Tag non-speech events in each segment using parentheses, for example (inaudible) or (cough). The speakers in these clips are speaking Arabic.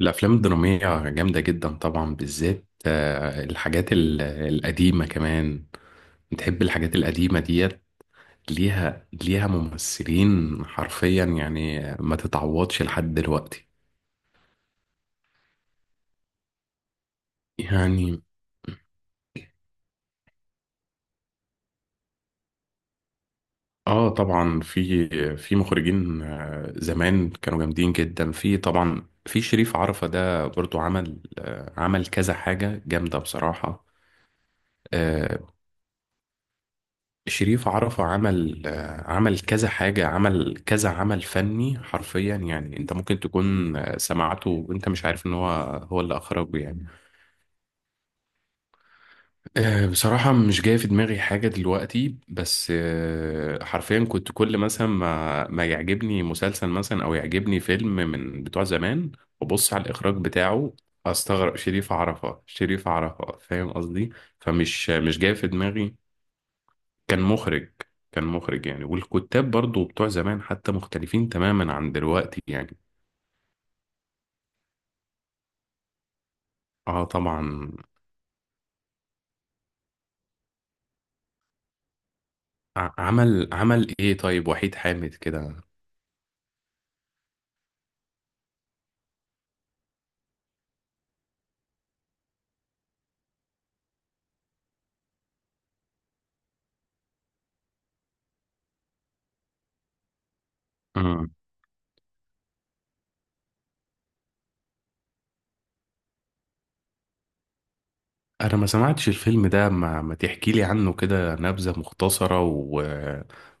الأفلام الدرامية جامدة جدا طبعا، بالذات الحاجات القديمة كمان. بتحب الحاجات القديمة ديت؟ ليها، ليها ممثلين حرفيا، يعني ما تتعوضش لحد دلوقتي. يعني اه طبعا، في مخرجين زمان كانوا جامدين جدا. في طبعا في شريف عرفة، ده برضو عمل، عمل كذا حاجة جامدة بصراحة. آه، شريف عرفة عمل، عمل كذا حاجة، عمل كذا عمل فني حرفيا. يعني انت ممكن تكون سمعته وانت مش عارف ان هو اللي اخرجه يعني. بصراحة مش جاي في دماغي حاجة دلوقتي، بس حرفيا كنت كل مثلا ما يعجبني مسلسل مثلا او يعجبني فيلم من بتوع زمان، وبص على الاخراج بتاعه، استغرب شريف عرفة. شريف عرفة، فاهم قصدي؟ فمش مش جاي في دماغي. كان مخرج. كان مخرج يعني. والكتاب برضو بتوع زمان حتى مختلفين تماما عن دلوقتي يعني. اه طبعا. عمل عمل ايه طيب وحيد حامد كده؟ مم. انا ما سمعتش الفيلم ده، ما تحكي لي عنه كده نبذة مختصرة، و...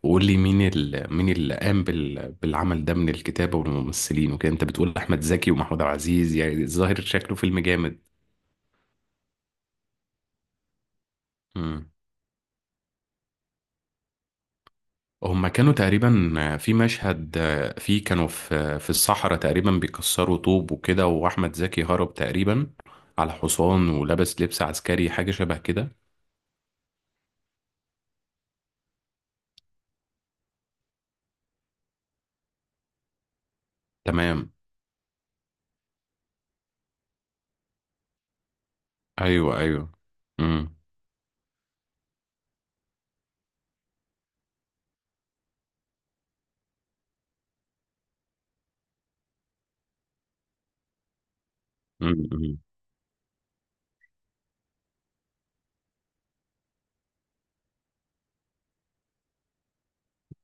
وقول لي مين مين اللي قام بالعمل ده، من الكتابة والممثلين وكده. انت بتقول احمد زكي ومحمود عبد العزيز، يعني الظاهر شكله فيلم جامد. مم. هما كانوا تقريبا في مشهد فيه، كانوا في الصحراء تقريبا بيكسروا طوب وكده، واحمد زكي هرب تقريبا على حصان ولبس لبس عسكري حاجه شبه كده. تمام. ايوه ايوه. امم أمم.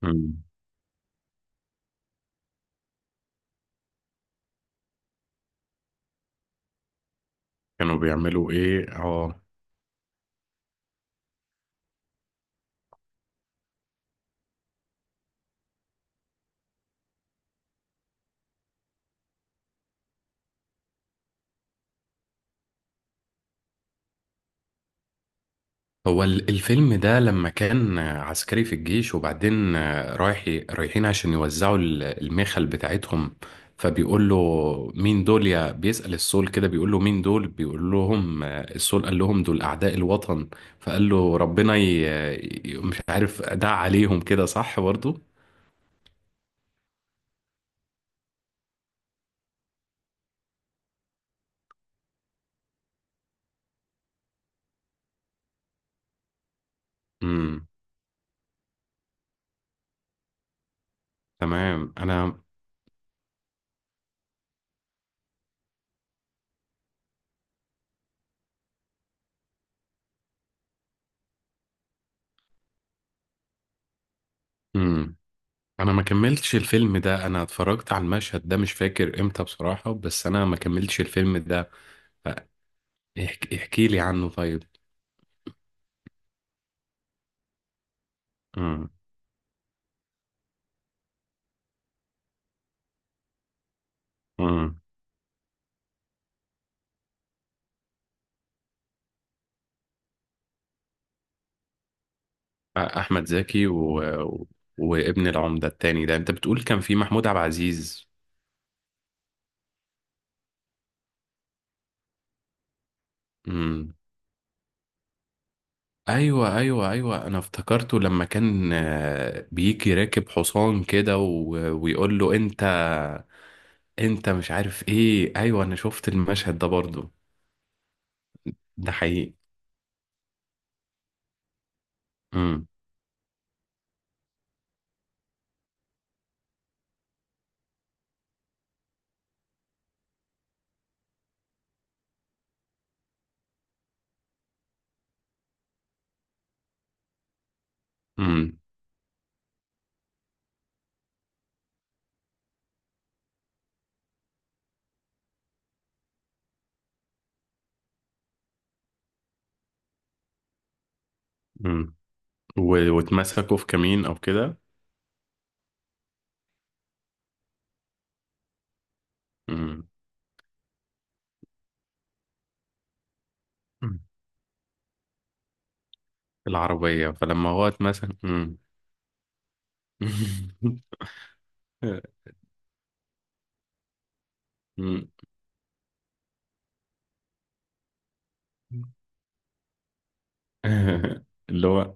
امم. كانوا بيعملوا ايه اه؟ هو الفيلم ده لما كان عسكري في الجيش، وبعدين رايح، رايحين عشان يوزعوا المخل بتاعتهم، فبيقول له مين دول. يا بيسأل السول كده، بيقول له مين دول، بيقول لهم السول قال لهم دول أعداء الوطن. فقال له ربنا مش عارف، دع عليهم كده، صح برضو. امم. تمام. انا، امم، انا ما كملتش الفيلم ده، انا اتفرجت على المشهد ده مش فاكر امتى بصراحة، بس انا ما كملتش الفيلم ده. احكي لي عنه طيب. امم. امم. احمد زكي و- وابن العمدة التاني ده، انت بتقول كان في محمود عبد العزيز. امم. ايوه ايوه ايوه، انا افتكرته لما كان بيجي راكب حصان كده و... ويقول له انت، انت مش عارف ايه. ايوه انا شفت المشهد ده برضو. ده حقيقي. امم. امم. امم. و... واتمسكوا في كمين او كده. امم. العربية؟ فلما هو اتمسك. امم. (laughs) (laughs) اللي هو.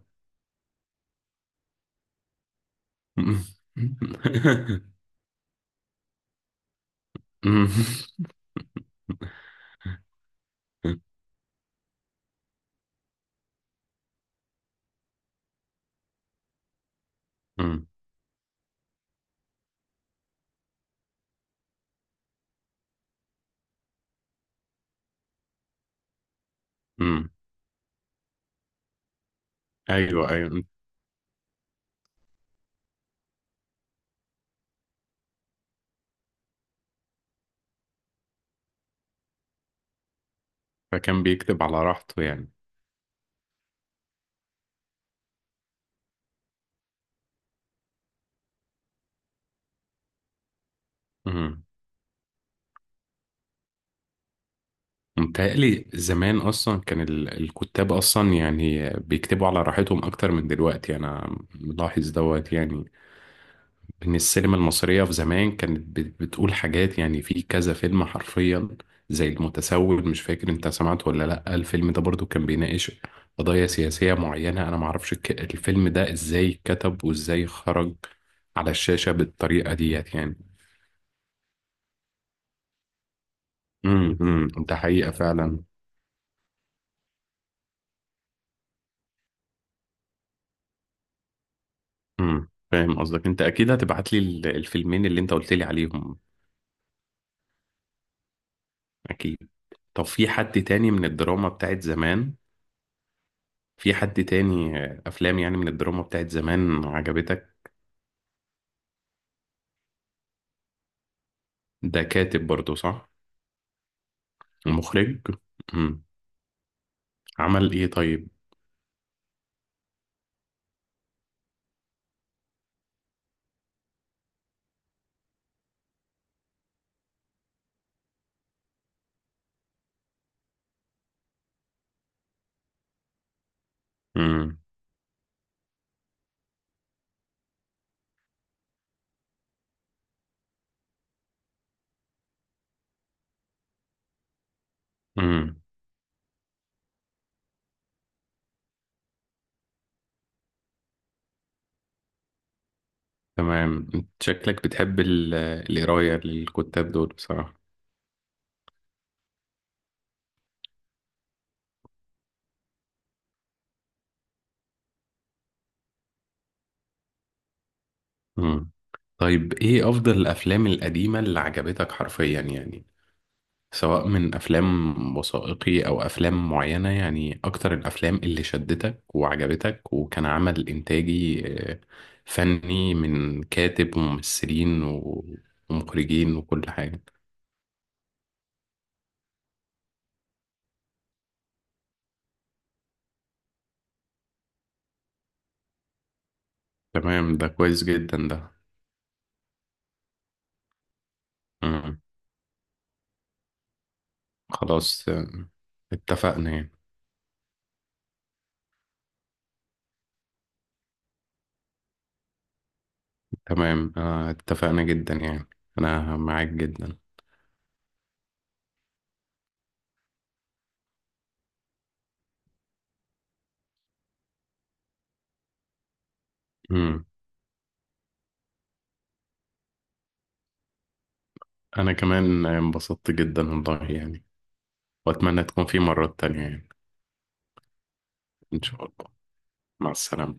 ايوه ايوه. فكان بيكتب على راحته يعني. مم. متهيألي زمان أصلا كان الكتاب أصلا يعني بيكتبوا على راحتهم أكتر من دلوقتي، أنا ملاحظ دوت يعني. ان السينما المصرية في زمان كانت بتقول حاجات، يعني في كذا فيلم حرفيا، زي المتسول، مش فاكر انت سمعت ولا لا. الفيلم ده برضو كان بيناقش قضايا سياسية معينة. انا معرفش الفيلم ده ازاي اتكتب وازاي خرج على الشاشة بالطريقة ديت يعني. إمم، ده حقيقة فعلا. امم، فاهم قصدك. انت اكيد هتبعت لي الفيلمين اللي انت قلت لي عليهم؟ اكيد. طب في حد تاني من الدراما بتاعت زمان؟ في حد تاني افلام يعني من الدراما بتاعت زمان عجبتك؟ ده كاتب برضو، صح؟ ومخرج؟ مم. عمل ايه طيب؟ مم. مم. تمام. انت شكلك بتحب القراية للكتاب دول بصراحة. مم. طيب ايه افضل الافلام القديمة اللي عجبتك حرفيا يعني، سواء من افلام وثائقي او افلام معينة؟ يعني اكتر الافلام اللي شدتك وعجبتك، وكان عمل انتاجي آه، فني، من كاتب وممثلين ومخرجين وكل حاجة. تمام، ده كويس جدا ده. مم. خلاص اتفقنا يعني. تمام اتفقنا جدا يعني. انا معاك جدا. مم. انا كمان انبسطت جدا والله يعني. واتمنى تكون في مرات تانية يعني. ان شاء الله. مع السلامة.